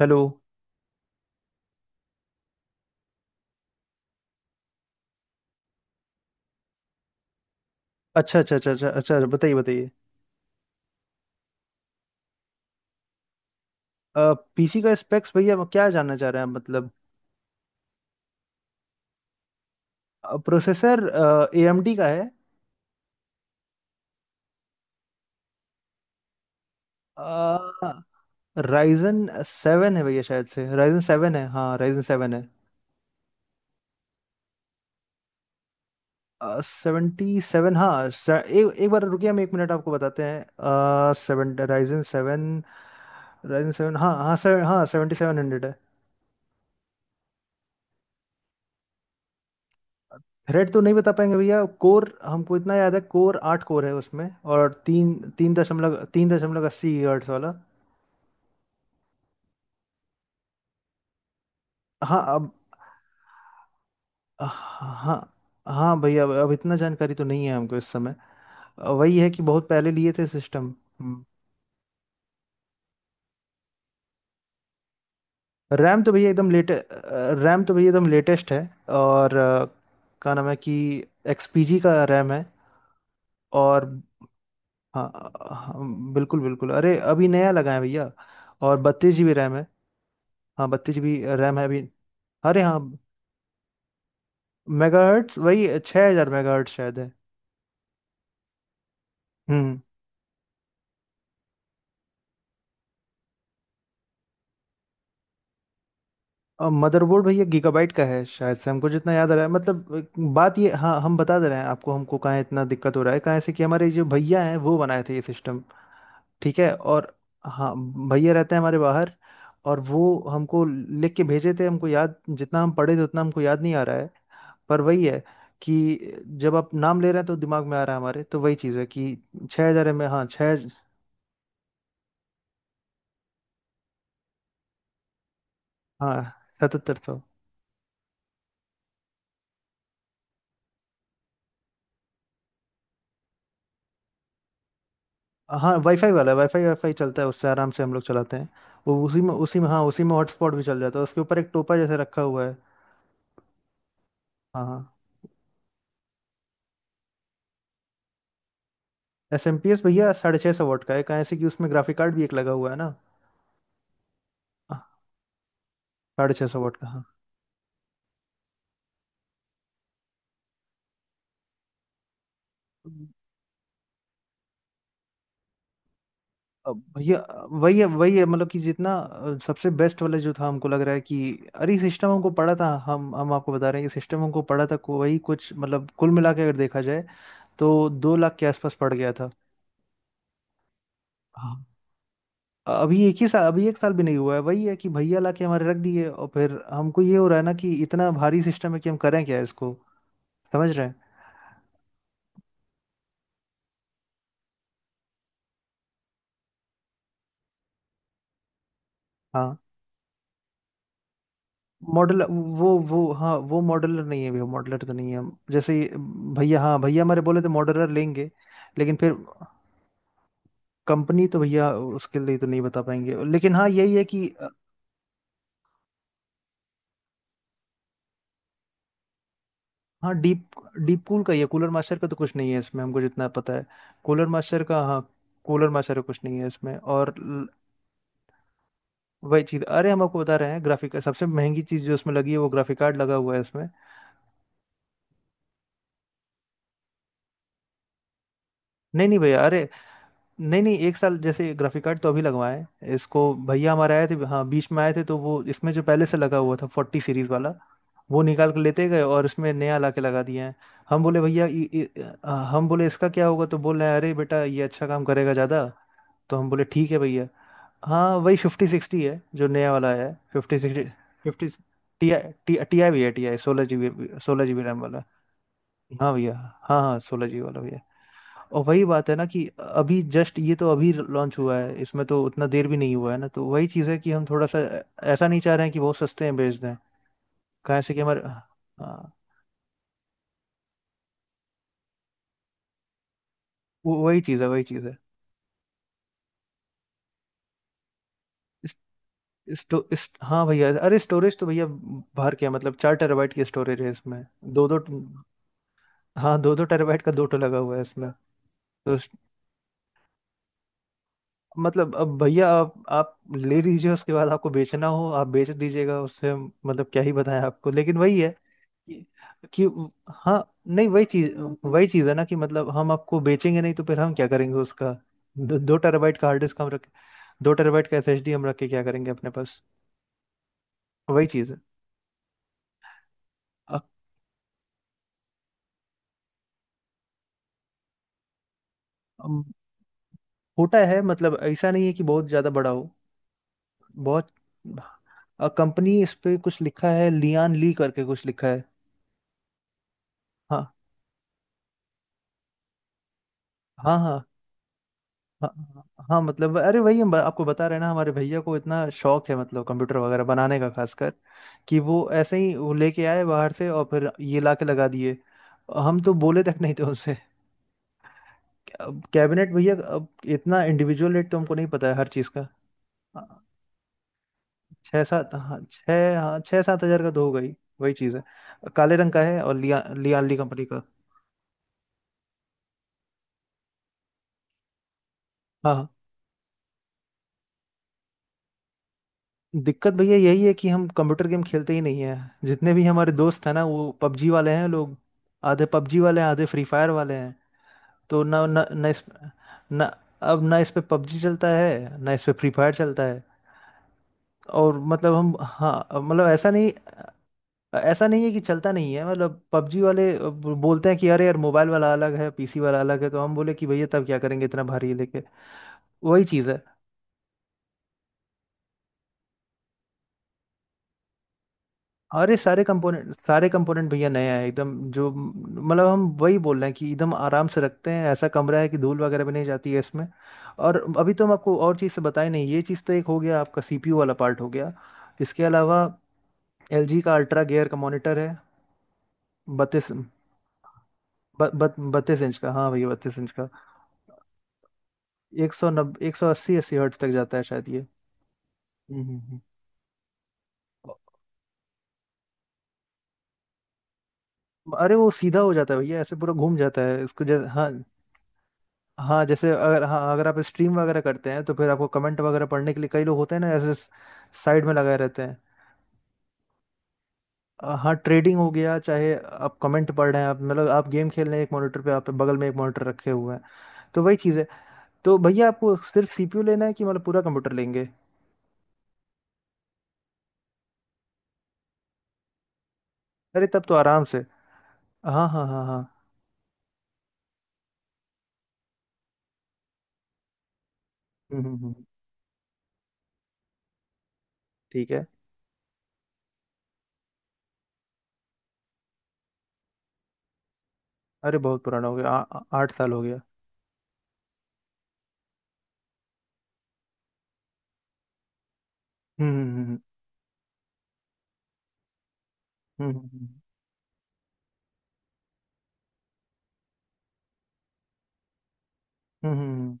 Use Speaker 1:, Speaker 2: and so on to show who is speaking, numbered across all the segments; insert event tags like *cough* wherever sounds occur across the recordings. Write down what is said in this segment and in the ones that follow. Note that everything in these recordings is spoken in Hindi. Speaker 1: हेलो। अच्छा अच्छा अच्छा अच्छा अच्छा अच्छा, बताइए बताइए। पीसी का स्पेक्स भैया वो क्या जानना चाह रहे हैं आप मतलब। प्रोसेसर ए एम डी का है। राइजन सेवन है भैया शायद से, राइजन सेवन है, हाँ राइजन सेवन है। सेवेंटी सेवन हाँ से, एक एक बार रुकिए, हम एक मिनट आपको बताते हैं। Seven Ryzen seven. Ryzen seven हाँ हाँ से, हाँ सेवेंटी सेवन हंड्रेड। थ्रेड तो नहीं बता पाएंगे भैया, कोर हमको इतना याद है, कोर आठ कोर है उसमें। और तीन तीन दशमलव अस्सी हर्ट्ज वाला। हाँ अब। हाँ। हाँ भैया, अब इतना जानकारी तो नहीं है हमको इस समय। वही है कि बहुत पहले लिए थे सिस्टम। रैम तो भैया एकदम लेटे रैम तो भैया एकदम लेटेस्ट है। और क्या नाम है कि XPG का रैम है। और हाँ हाँ, बिल्कुल बिल्कुल, अरे अभी नया लगा है भैया। और बत्तीस जीबी रैम है। हाँ बत्तीस जी रैम है अभी। अरे हाँ, मेगाहर्ट्ज वही छः हज़ार मेगाहर्ट्ज शायद है। हम्म। और मदरबोर्ड भैया गीगाबाइट का है शायद से, हमको जितना याद आ रहा है। मतलब बात ये हाँ हम बता दे रहे हैं आपको, हमको कहाँ इतना दिक्कत हो रहा है कहाँ से कि हमारे जो भैया हैं वो बनाए थे ये सिस्टम। ठीक है। और हाँ भैया रहते हैं हमारे बाहर। और वो हमको लिख के भेजे थे, हमको याद जितना हम पढ़े थे उतना हमको याद नहीं आ रहा है। पर वही है कि जब आप नाम ले रहे हैं तो दिमाग में आ रहा है हमारे, तो वही चीज़ है कि छः हज़ार एम हाँ छः। हाँ सतहत्तर सौ। हाँ वाईफाई वाला है, वाईफाई वाईफाई चलता है उससे आराम से, हम लोग चलाते हैं। वो उसी में हाँ उसी में हॉटस्पॉट भी चल जाता है, उसके ऊपर एक टोपा जैसे रखा हुआ है। हाँ। एस एम पी एस भैया साढ़े छः सौ वाट का है, कहाँ ऐसे कि उसमें ग्राफिक कार्ड भी एक लगा हुआ है ना। हाँ, साढ़े छः सौ वाट का हाँ। अब भैया वही है वही है, मतलब कि जितना सबसे बेस्ट वाला जो था हमको लग रहा है कि। अरे सिस्टम हमको पड़ा था, हम आपको बता रहे हैं कि सिस्टम हमको पड़ा था वही कुछ, मतलब कुल मिला के अगर देखा जाए तो दो लाख के आसपास पड़ गया था। हाँ। अभी एक ही साल, अभी एक साल भी नहीं हुआ है। वही है कि भैया लाके हमारे रख दिए और फिर हमको ये हो रहा है ना कि इतना भारी सिस्टम है कि हम करें क्या इसको। समझ रहे हैं। हाँ मॉडल, वो हाँ वो मॉडलर नहीं है भैया, मॉडलर तो नहीं है। जैसे ये, भैया हाँ भैया हमारे बोले थे मॉडलर लेंगे, लेकिन फिर। कंपनी तो भैया उसके लिए तो नहीं बता पाएंगे, लेकिन हाँ यही है कि। हाँ डीप, डीप कूल का ही है, कूलर मास्टर का तो कुछ नहीं है इसमें हमको जितना पता है। कूलर मास्टर का हाँ, कूलर मास्टर का कुछ नहीं है इसमें। और वही चीज, अरे हम आपको बता रहे हैं, ग्राफिक सबसे महंगी चीज जो उसमें लगी है वो ग्राफिक कार्ड लगा हुआ है इसमें। नहीं नहीं भैया, अरे नहीं नहीं, एक साल जैसे ग्राफिक कार्ड तो अभी लगवाए इसको। भैया हमारे आए थे, हाँ बीच में आए थे, तो वो इसमें जो पहले से लगा हुआ था फोर्टी सीरीज वाला वो निकाल के लेते गए और इसमें नया ला के लगा दिया है। हम बोले भैया हम बोले इसका क्या होगा, तो बोल रहे हैं अरे बेटा ये अच्छा काम करेगा ज़्यादा। तो हम बोले ठीक है भैया। हाँ वही फिफ्टी सिक्सटी है जो नया वाला है, fifty sixty. Fifty T I, T T I भी है, टी आई सोलह जी बी, सोलह जी बी रैम वाला। हाँ भैया। हाँ हाँ सोलह जी वाला भैया। और वही बात है ना कि अभी जस्ट ये तो अभी लॉन्च हुआ है, इसमें तो उतना देर भी नहीं हुआ है ना, तो वही चीज़ है कि हम थोड़ा सा ऐसा नहीं चाह रहे हैं कि बहुत सस्ते में बेच दें। कहाँ से कि हमारे। हाँ वो वही चीज़ है, वही चीज़ है। इस, इस हाँ भैया, अरे स्टोरेज तो भैया बाहर क्या, मतलब चार टेराबाइट की स्टोरेज है इसमें। दो दो हाँ दो दो टेराबाइट का दो ठो लगा हुआ है इसमें। तो उस- मतलब अब भैया आप ले लीजिए, उसके बाद आपको बेचना हो आप बेच दीजिएगा, मतलब क्या ही बताएं आपको, लेकिन वही है कि, कि हाँ नहीं वही चीज। वही चीज है ना कि मतलब हम आपको बेचेंगे नहीं तो फिर हम क्या करेंगे उसका। दो, दो टेराबाइट का हार्ड डिस्क हम रखे, दो टेराबाइट का एसएसडी हम रख के क्या करेंगे अपने पास। वही चीज है। अ- अम, छोटा है, मतलब ऐसा नहीं है कि बहुत ज्यादा बड़ा हो। बहुत। कंपनी इस पे कुछ लिखा है, लियान ली करके कुछ लिखा है। हाँ हाँ हाँ हाँ हाँ, मतलब अरे वही आपको बता रहे हैं ना, हमारे भैया को इतना शौक है मतलब कंप्यूटर वगैरह बनाने का खासकर, कि वो ऐसे ही वो लेके आए बाहर से और फिर ये लाके लगा दिए, हम तो बोले तक नहीं थे उनसे। अब कैबिनेट भैया, अब इतना इंडिविजुअल रेट तो हमको नहीं पता है हर चीज़ का। हाँ, छः सात हाँ छः हाँ, छः सात हज़ार का तो हो गई। वही चीज़ है। काले रंग का है, और लिया लियाली कंपनी का। हाँ, दिक्कत भैया यही है कि हम कंप्यूटर गेम खेलते ही नहीं है। जितने भी हमारे दोस्त हैं ना वो पबजी वाले हैं लोग, आधे पबजी वाले हैं आधे फ्री फायर वाले हैं। तो ना ना ना इस ना अब ना इस पे पबजी चलता है, ना इस पे फ्री फायर चलता है। और मतलब हम हाँ मतलब ऐसा नहीं, ऐसा नहीं है कि चलता नहीं है, मतलब पबजी वाले अब बोलते हैं कि अरे यार मोबाइल वाला अलग है पीसी वाला अलग है, तो हम बोले कि भैया तब क्या करेंगे इतना भारी लेके। वही चीज़ है, अरे सारे कंपोनेंट भैया नए हैं एकदम जो, मतलब हम वही बोल रहे हैं कि एकदम आराम से रखते हैं, ऐसा कमरा है कि धूल वगैरह भी नहीं जाती है इसमें। और अभी तो हम आपको और चीज़ से बताए नहीं, ये चीज़ तो एक हो गया आपका सीपीयू वाला पार्ट हो गया। इसके अलावा एलजी का अल्ट्रा गियर का मॉनिटर है। बत्तीस बत्तीस इंच का हाँ भैया, बत्तीस इंच का। एक सौ अस्सी, अस्सी हर्ट्ज तक जाता है शायद ये। हम्म। अरे वो सीधा हो जाता है भैया, ऐसे पूरा घूम जाता है इसको जैसे हाँ। हाँ जैसे अगर हाँ, अगर आप स्ट्रीम वगैरह करते हैं तो फिर आपको कमेंट वगैरह पढ़ने के लिए कई लोग होते हैं ना, ऐसे साइड में लगाए रहते हैं। हाँ ट्रेडिंग हो गया, चाहे आप कमेंट पढ़ रहे हैं आप, मतलब आप गेम खेल रहे हैं एक मॉनिटर पे, आप बगल में एक मॉनिटर रखे हुए हैं। तो वही चीज़ है। तो भैया आपको सिर्फ सीपीयू लेना है कि मतलब पूरा कंप्यूटर लेंगे। अरे तब तो आराम से। हाँ हाँ हाँ हाँ। हम्म। ठीक है। अरे बहुत पुराना हो गया, आठ साल हो गया। हम्म हम्म हम्म हम्म हम्म, हम्म, हम्म, हम्म, हम्म, हम्म।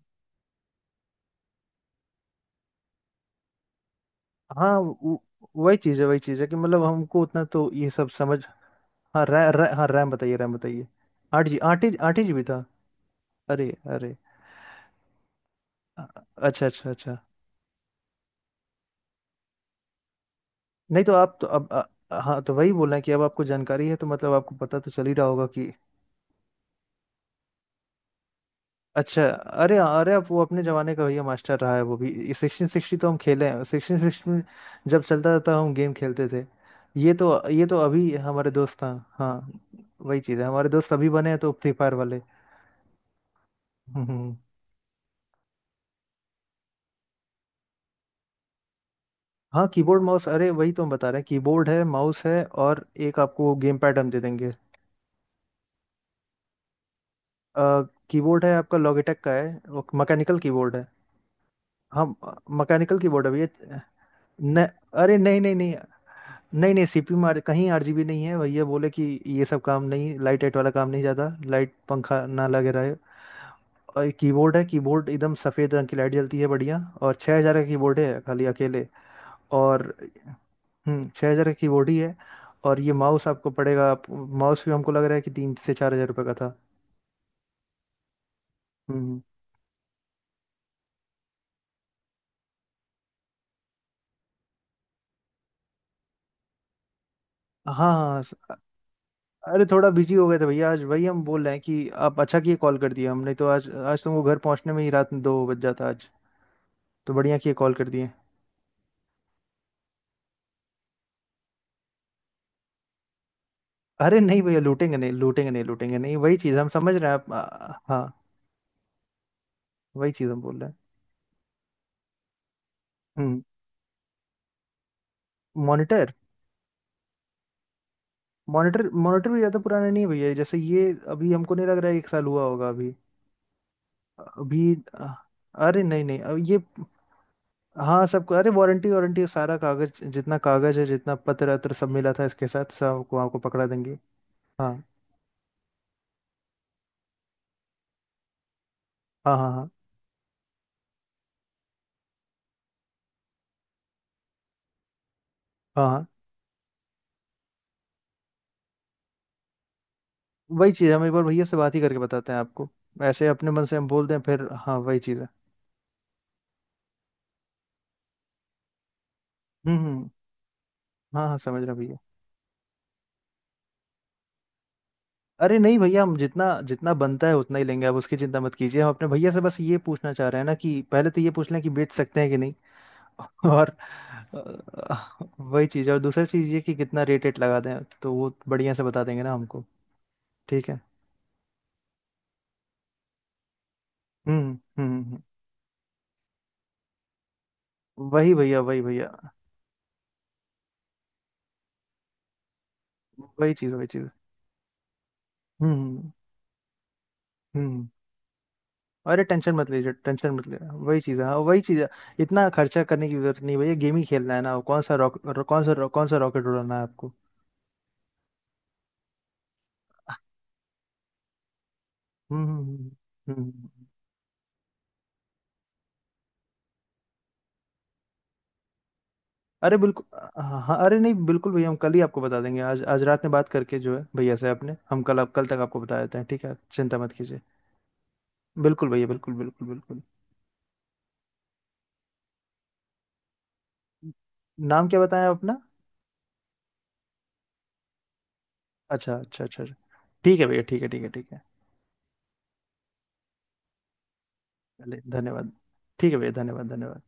Speaker 1: हाँ वो- वही चीज़ है, वही चीज़ है कि मतलब हमको उतना तो ये सब समझ। हाँ रैम, रै, रै- हाँ रैम बताइए, रैम बताइए। आठ जी, आठ ही जी बी था। अरे अरे अ- अच्छा अच्छा अच्छा। नहीं तो आप तो अब हाँ, तो वही बोल रहे हैं कि अब आपको जानकारी है तो मतलब आपको पता तो चल ही रहा होगा कि। अच्छा अरे अरे, आप वो अपने ज़माने का भैया मास्टर रहा है वो भी, सिक्सटीन सिक्सटी तो हम खेले हैं, सिक्सटीन सिक्सटी में जब चलता था हम गेम खेलते थे। ये तो अभी हमारे दोस्त था। हाँ वही चीज़ है, हमारे दोस्त अभी बने हैं तो फ्री फायर वाले। हम्म हम्म, हम्म। हाँ कीबोर्ड माउस, अरे वही तो हम बता रहे हैं, कीबोर्ड है माउस है और एक आपको गेम पैड हम दे देंगे। आ, कीबोर्ड है आपका लॉगिटेक का है, वो मैकेनिकल कीबोर्ड है। हाँ मैकेनिकल कीबोर्ड है भैया। न अरे नहीं नहीं नहीं, नहीं नहीं सीपीयू में कहीं आरजीबी नहीं है भैया, बोले कि ये सब काम नहीं, लाइट वाइट वाला काम नहीं ज़्यादा, लाइट पंखा ना लगे रहे। और कीबोर्ड है, कीबोर्ड एकदम सफ़ेद रंग की लाइट जलती है बढ़िया, और 6000 का कीबोर्ड है खाली अकेले। और हम्म, छः हज़ार का कीबोर्ड ही है। और ये माउस आपको पड़ेगा माउस भी हमको लग रहा है कि तीन से चार हज़ार रुपये का था। हम्म। हाँ हाँ हाँ। अरे थोड़ा बिजी हो गए थे भैया आज, वही हम बोल रहे हैं कि आप अच्छा किए कॉल कर दिए, हमने तो आज आज तुमको घर पहुंचने में ही रात दो बज जाता आज, तो बढ़िया किए कॉल कर दिए। अरे नहीं भैया, लूटेंगे नहीं। वही चीज़ हम समझ रहे हैं आप हाँ। वही चीज़ हम बोल रहे हैं। हम्म। मॉनिटर मॉनिटर मॉनिटर भी ज़्यादा पुराना नहीं है भैया जैसे ये, अभी हमको नहीं लग रहा है एक साल हुआ होगा अभी। अभी अ, अरे नहीं नहीं अब ये, हाँ सबको अरे वारंटी, वारंटी सारा कागज जितना कागज है जितना पत्र अत्र सब मिला था इसके साथ, सबको आपको पकड़ा देंगे। हाँ हाँ हाँ हाँ हाँ हाँ। वही चीज़ है, हम एक बार भैया से बात ही करके बताते हैं आपको, ऐसे अपने मन से हम बोल दें फिर, हाँ वही चीज़ है। हम्म। हाँ हाँ समझ रहा भैया, अरे नहीं भैया हम जितना जितना बनता है उतना ही लेंगे, आप उसकी चिंता मत कीजिए। हम अपने भैया से बस ये पूछना चाह रहे हैं ना कि पहले तो ये पूछ लें कि बेच सकते हैं कि नहीं। *laughs* और वही चीज़ है, और दूसरी चीज़ ये कि कितना रेट रेट लगा दें, तो वो बढ़िया से बता देंगे ना हमको। ठीक है। हम्म हम्म हम्म। हम्म। वही भैया वही भैया। वही चीज वही चीज। हम्म हम्म हम्म। अरे टेंशन मत लीजिए, टेंशन मत लीजिए, वही चीज है हाँ वही चीज है। इतना खर्चा करने की जरूरत नहीं भैया, गेम ही खेलना है ना, कौन सा रॉक रो- कौन सा रॉकेट उड़ाना है आपको। हम्म हम्म हम्म, हम्म। हम्म, हम्म। अरे बिल्कुल। हाँ हाँ, अरे नहीं बिल्कुल भैया, हम कल ही आपको बता देंगे, आज आज रात में बात करके जो है भैया से आपने, हम कल आप कल तक आपको बता देते हैं, ठीक है चिंता मत कीजिए। बिल्कुल भैया, बिल्कुल बिल्कुल बिल्कुल। नाम क्या बताया अपना। अच्छा अच्छा अच्छा अच्छा। ठीक है भैया, ठीक है ठीक है ठीक है। चलिए धन्यवाद, ठीक है भैया, धन्यवाद धन्यवाद।